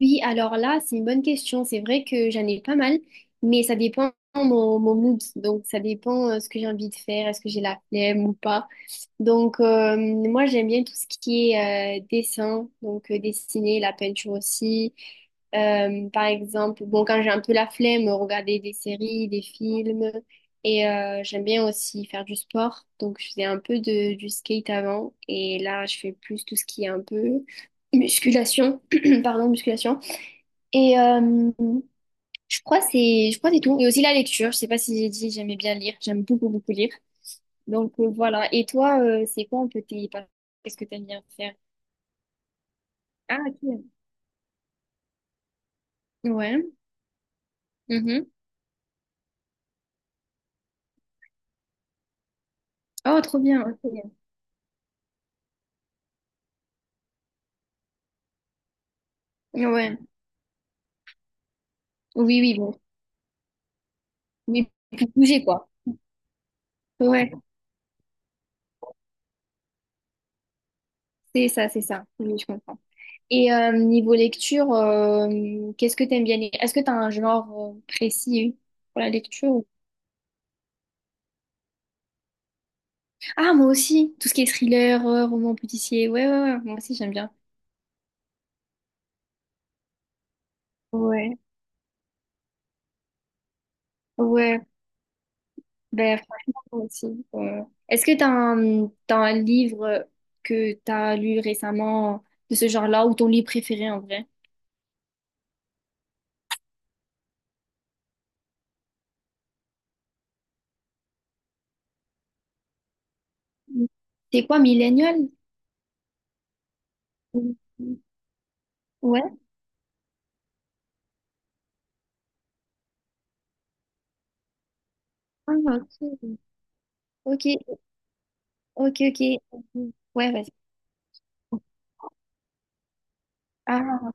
Oui, alors là, c'est une bonne question. C'est vrai que j'en ai pas mal, mais ça dépend mon mood. Donc, ça dépend ce que j'ai envie de faire, est-ce que j'ai la flemme ou pas. Donc, moi, j'aime bien tout ce qui est dessin, donc dessiner, la peinture aussi. Par exemple, bon, quand j'ai un peu la flemme, regarder des séries, des films. J'aime bien aussi faire du sport. Donc, je faisais un peu du skate avant. Et là, je fais plus tout ce qui est un peu musculation. Pardon, musculation. Et euh, je crois que c'est tout. Et aussi la lecture. Je sais pas si j'ai dit j'aimais bien lire. J'aime beaucoup lire. Donc voilà. Et toi c'est quoi un peu tes pas- qu'est-ce que t'aimes bien faire? Ah, ok. Ouais. Mhm. Oh, trop bien. Ok. Ouais. Oui, oui, bon. Oui, pour bouger quoi. Ouais, c'est ça, c'est ça. Oui, je comprends. Et niveau lecture qu'est-ce que t'aimes bien lire? Est-ce que t'as un genre précis pour la lecture? Ou… Ah, moi aussi, tout ce qui est thriller roman policier. Ouais, moi aussi j'aime bien. Ouais. Ouais, ben franchement, moi aussi. euh. Est-ce que t'as un livre que t'as lu récemment de ce genre-là ou ton livre préféré en vrai? Mm. C'est quoi, Millennial? Mm. Ouais. Ah, ok. Ok, ok, ok. Mhm. Ouais, vas-y. Ah,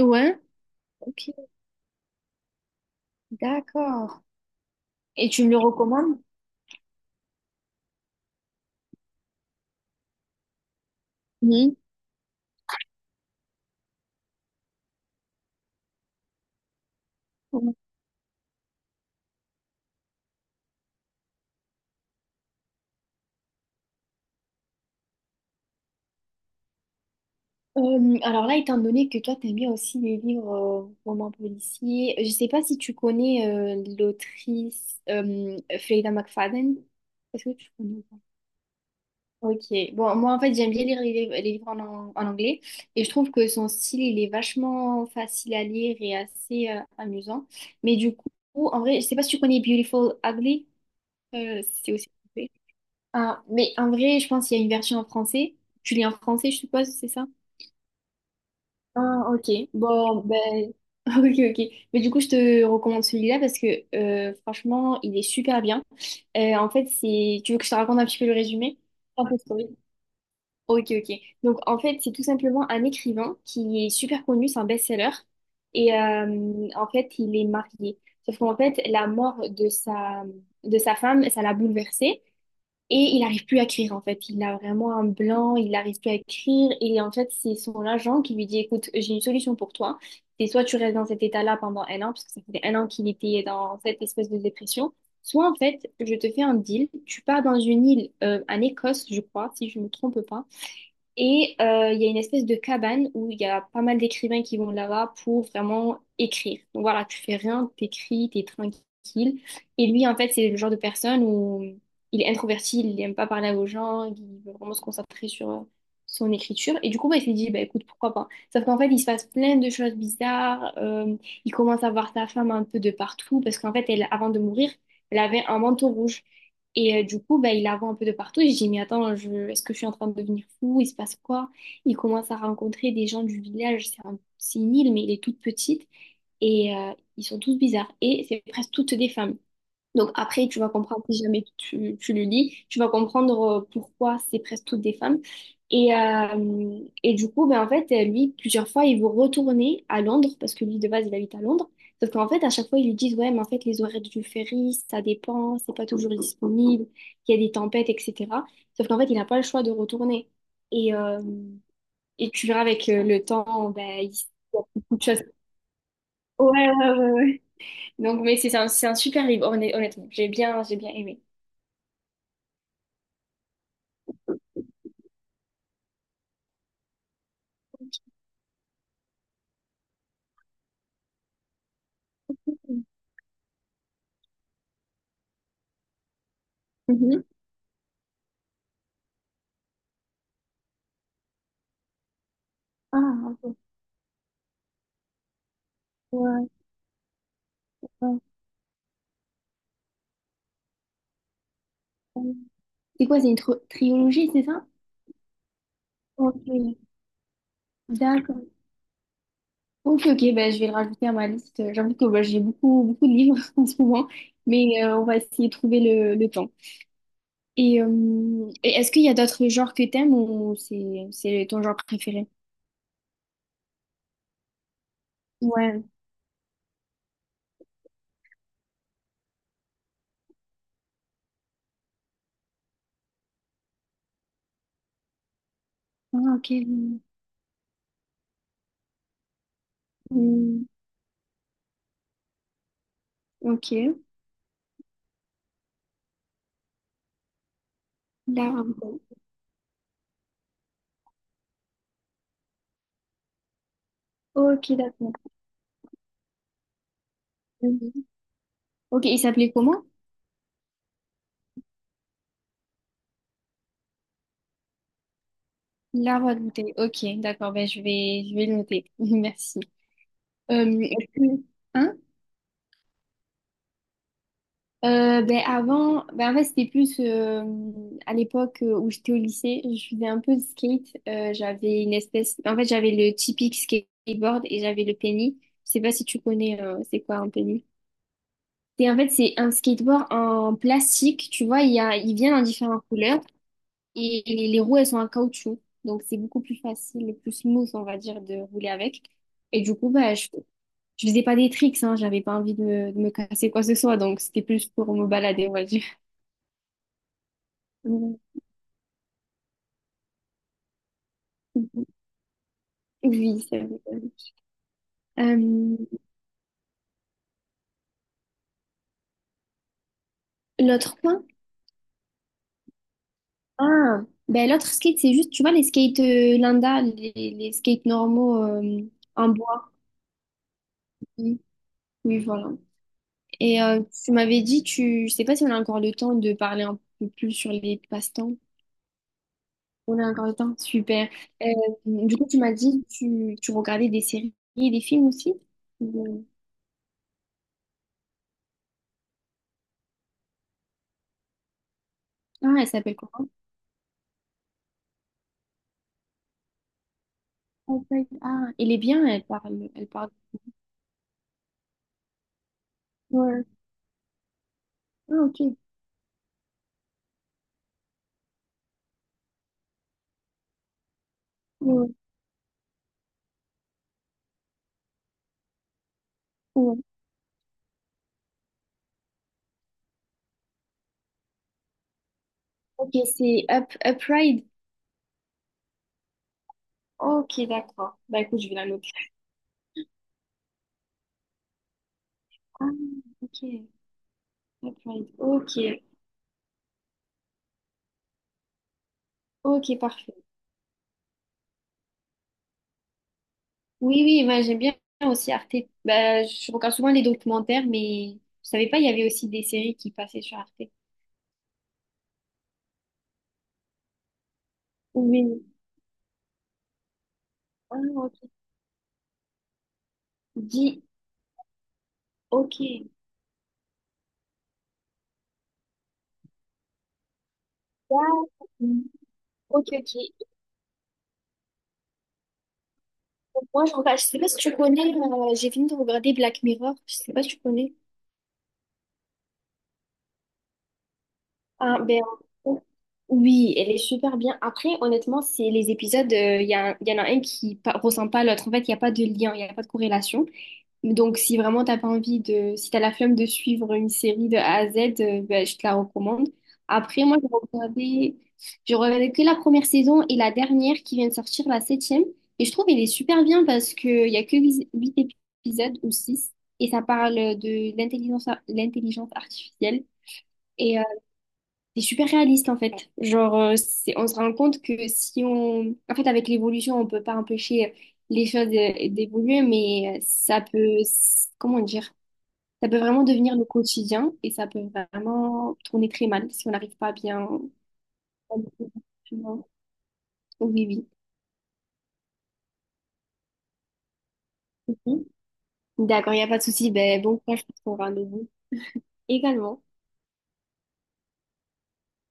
ouais, ok, d'accord. Et tu me le recommandes? Mhm. Alors là, étant donné que toi, t'aimes bien aussi les livres romans policiers, je sais pas si tu connais l'autrice Fleda McFadden. Est-ce que tu connais ou pas? Ok. Bon, moi, en fait, j'aime bien lire les livres en anglais, et je trouve que son style, il est vachement facile à lire et assez amusant. Mais du coup, en vrai, je sais pas si tu connais Beautiful Ugly. C'est aussi… Ah, mais en vrai, je pense qu'il y a une version en français. Tu lis en français, je suppose, c'est ça? Ah, ok. Bon, ben, ok, ok. Mais du coup, je te recommande celui-là parce que franchement, il est super bien. En fait, c'est… Tu veux que je te raconte un petit peu le résumé? Un peu story. Ok, ok. Donc, en fait, c'est tout simplement un écrivain qui est super connu, c'est un best-seller. En fait, il est marié. Sauf qu'en fait, la mort de sa femme, ça l'a bouleversé. Et il n'arrive plus à écrire en fait. Il a vraiment un blanc, il n'arrive plus à écrire. Et en fait, c'est son agent qui lui dit, écoute, j'ai une solution pour toi. C'est soit tu restes dans cet état-là pendant un an, parce que ça faisait un an qu'il était dans cette espèce de dépression, soit en fait, je te fais un deal. Tu pars dans une île, en Écosse, je crois, si je ne me trompe pas. Il y a une espèce de cabane où il y a pas mal d'écrivains qui vont là-bas pour vraiment écrire. Donc voilà, tu fais rien, t'écris, t'es tranquille. Et lui, en fait, c'est le genre de personne où il est introverti, il n'aime pas parler aux gens, il veut vraiment se concentrer sur son écriture. Et du coup, bah, il s'est dit, bah, écoute, pourquoi pas. Sauf qu'en fait, il se passe plein de choses bizarres. Il commence à voir sa femme un peu de partout parce qu'en fait, elle, avant de mourir, elle avait un manteau rouge. Du coup, bah, il la voit un peu de partout. Et je dis, mais attends, je… est-ce que je suis en train de devenir fou? Il se passe quoi? Il commence à rencontrer des gens du village. C'est une île, mais elle est toute petite. Ils sont tous bizarres. Et c'est presque toutes des femmes. Donc après, tu vas comprendre, si jamais tu le lis, tu vas comprendre pourquoi c'est presque toutes des femmes. Et du coup, en fait, lui, plusieurs fois, il veut retourner à Londres, parce que lui, de base, il habite à Londres. Sauf qu'en fait, à chaque fois, ils lui disent, ouais, mais en fait, les horaires du ferry, ça dépend, c'est pas toujours disponible, il y a des tempêtes, etc. Sauf qu'en fait, il n'a pas le choix de retourner. Et, euh, et tu verras avec le temps, ben, il se passe beaucoup de choses. Ouais, ouais, ouais, ouais. Donc, mais c'est un super livre, honnêtement. J'ai bien aimé. Mhm. Ah, ok. Ouais, ouais, ouais. C'est quoi, c'est une trilogie, c'est ça? Ok, d'accord. Ok, ok, bah, je vais le rajouter à ma liste. J'avoue que bah, j'ai beaucoup de livres en ce moment, mais on va essayer de trouver le temps. Et est-ce qu'il y a d'autres genres que t'aimes ou c'est ton genre préféré? Ouais. Ah, ok. Hmm, ok. L'arabe. Ok, d'accord. Mhm. Ok, il s'appelait comment? L'arabe. Ok, d'accord, ben je vais le noter. Merci. Est-ce que… Hein? Ben avant, ben en fait, c'était plus à l'époque où j'étais au lycée, je faisais un peu de skate. J'avais une espèce, en fait, j'avais le typique skateboard et j'avais le penny. Je sais pas si tu connais, c'est quoi un penny? Et en fait, c'est un skateboard en plastique, tu vois, il y a, il vient en différentes couleurs et les roues, elles sont en caoutchouc. Donc, c'est beaucoup plus facile et plus smooth, on va dire, de rouler avec. Et du coup, bah, je faisais pas des tricks, hein, j'avais pas envie de me casser quoi que ce soit, donc c'était plus pour me balader, on va dire. Mm. Oui, c'est vrai. Euh, l'autre point? Ah, ben l'autre skate, c'est juste, tu vois, les skates Linda, les skates normaux en bois. Oui, oui, voilà. Et tu m'avais dit, je sais pas si on a encore le temps de parler un peu plus sur les passe-temps. On a encore le temps, super. Euh, du coup, tu m'as dit, tu regardais des séries et des films aussi? Euh. Ah, elle s'appelle quoi? En fait, ah, elle est bien, elle parle, elle parle. Ouais. Ah, ok. Ouais, ouais. Ok, c'est Up, Upride. Ok, d'accord. Bah écoute, je vais la noter. Ah, ok. Upride. Ok. Ok, parfait. Oui, oui, moi j'aime bien aussi Arte. Bah, je regarde souvent les documentaires, mais je savais pas, il y avait aussi des séries qui passaient sur Arte. Oui. Ah, ok. Dis, ok. Ah, ok, ok. Moi, je regarde, je sais pas si tu connais, j'ai fini de regarder Black Mirror. Je sais pas si tu connais. Ah, ben, oui, elle est super bien. Après, honnêtement, c'est les épisodes, il y a, y en a un qui ressemble pas à l'autre. En fait, il n'y a pas de lien, il n'y a pas de corrélation. Donc, si vraiment t'as pas envie de, si t'as la flemme de suivre une série de A à Z, ben, je te la recommande. Après, j'ai regardé que la 1re saison et la dernière qui vient de sortir, la 7e. Et je trouve qu'elle est super bien parce qu'il y a que huit épisodes ou six. Et ça parle de l'intelligence artificielle. et euh, c'est super réaliste en fait. Genre, c'est… on se rend compte que si on… En fait, avec l'évolution, on peut pas empêcher les choses d'évoluer, mais ça peut… Comment dire? Ça peut vraiment devenir le quotidien et ça peut vraiment tourner très mal si on n'arrive pas bien… Oui, oui. D'accord, il n'y a pas de souci. Ben, bon courage pour ton rendez-vous. Également.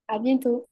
À bientôt.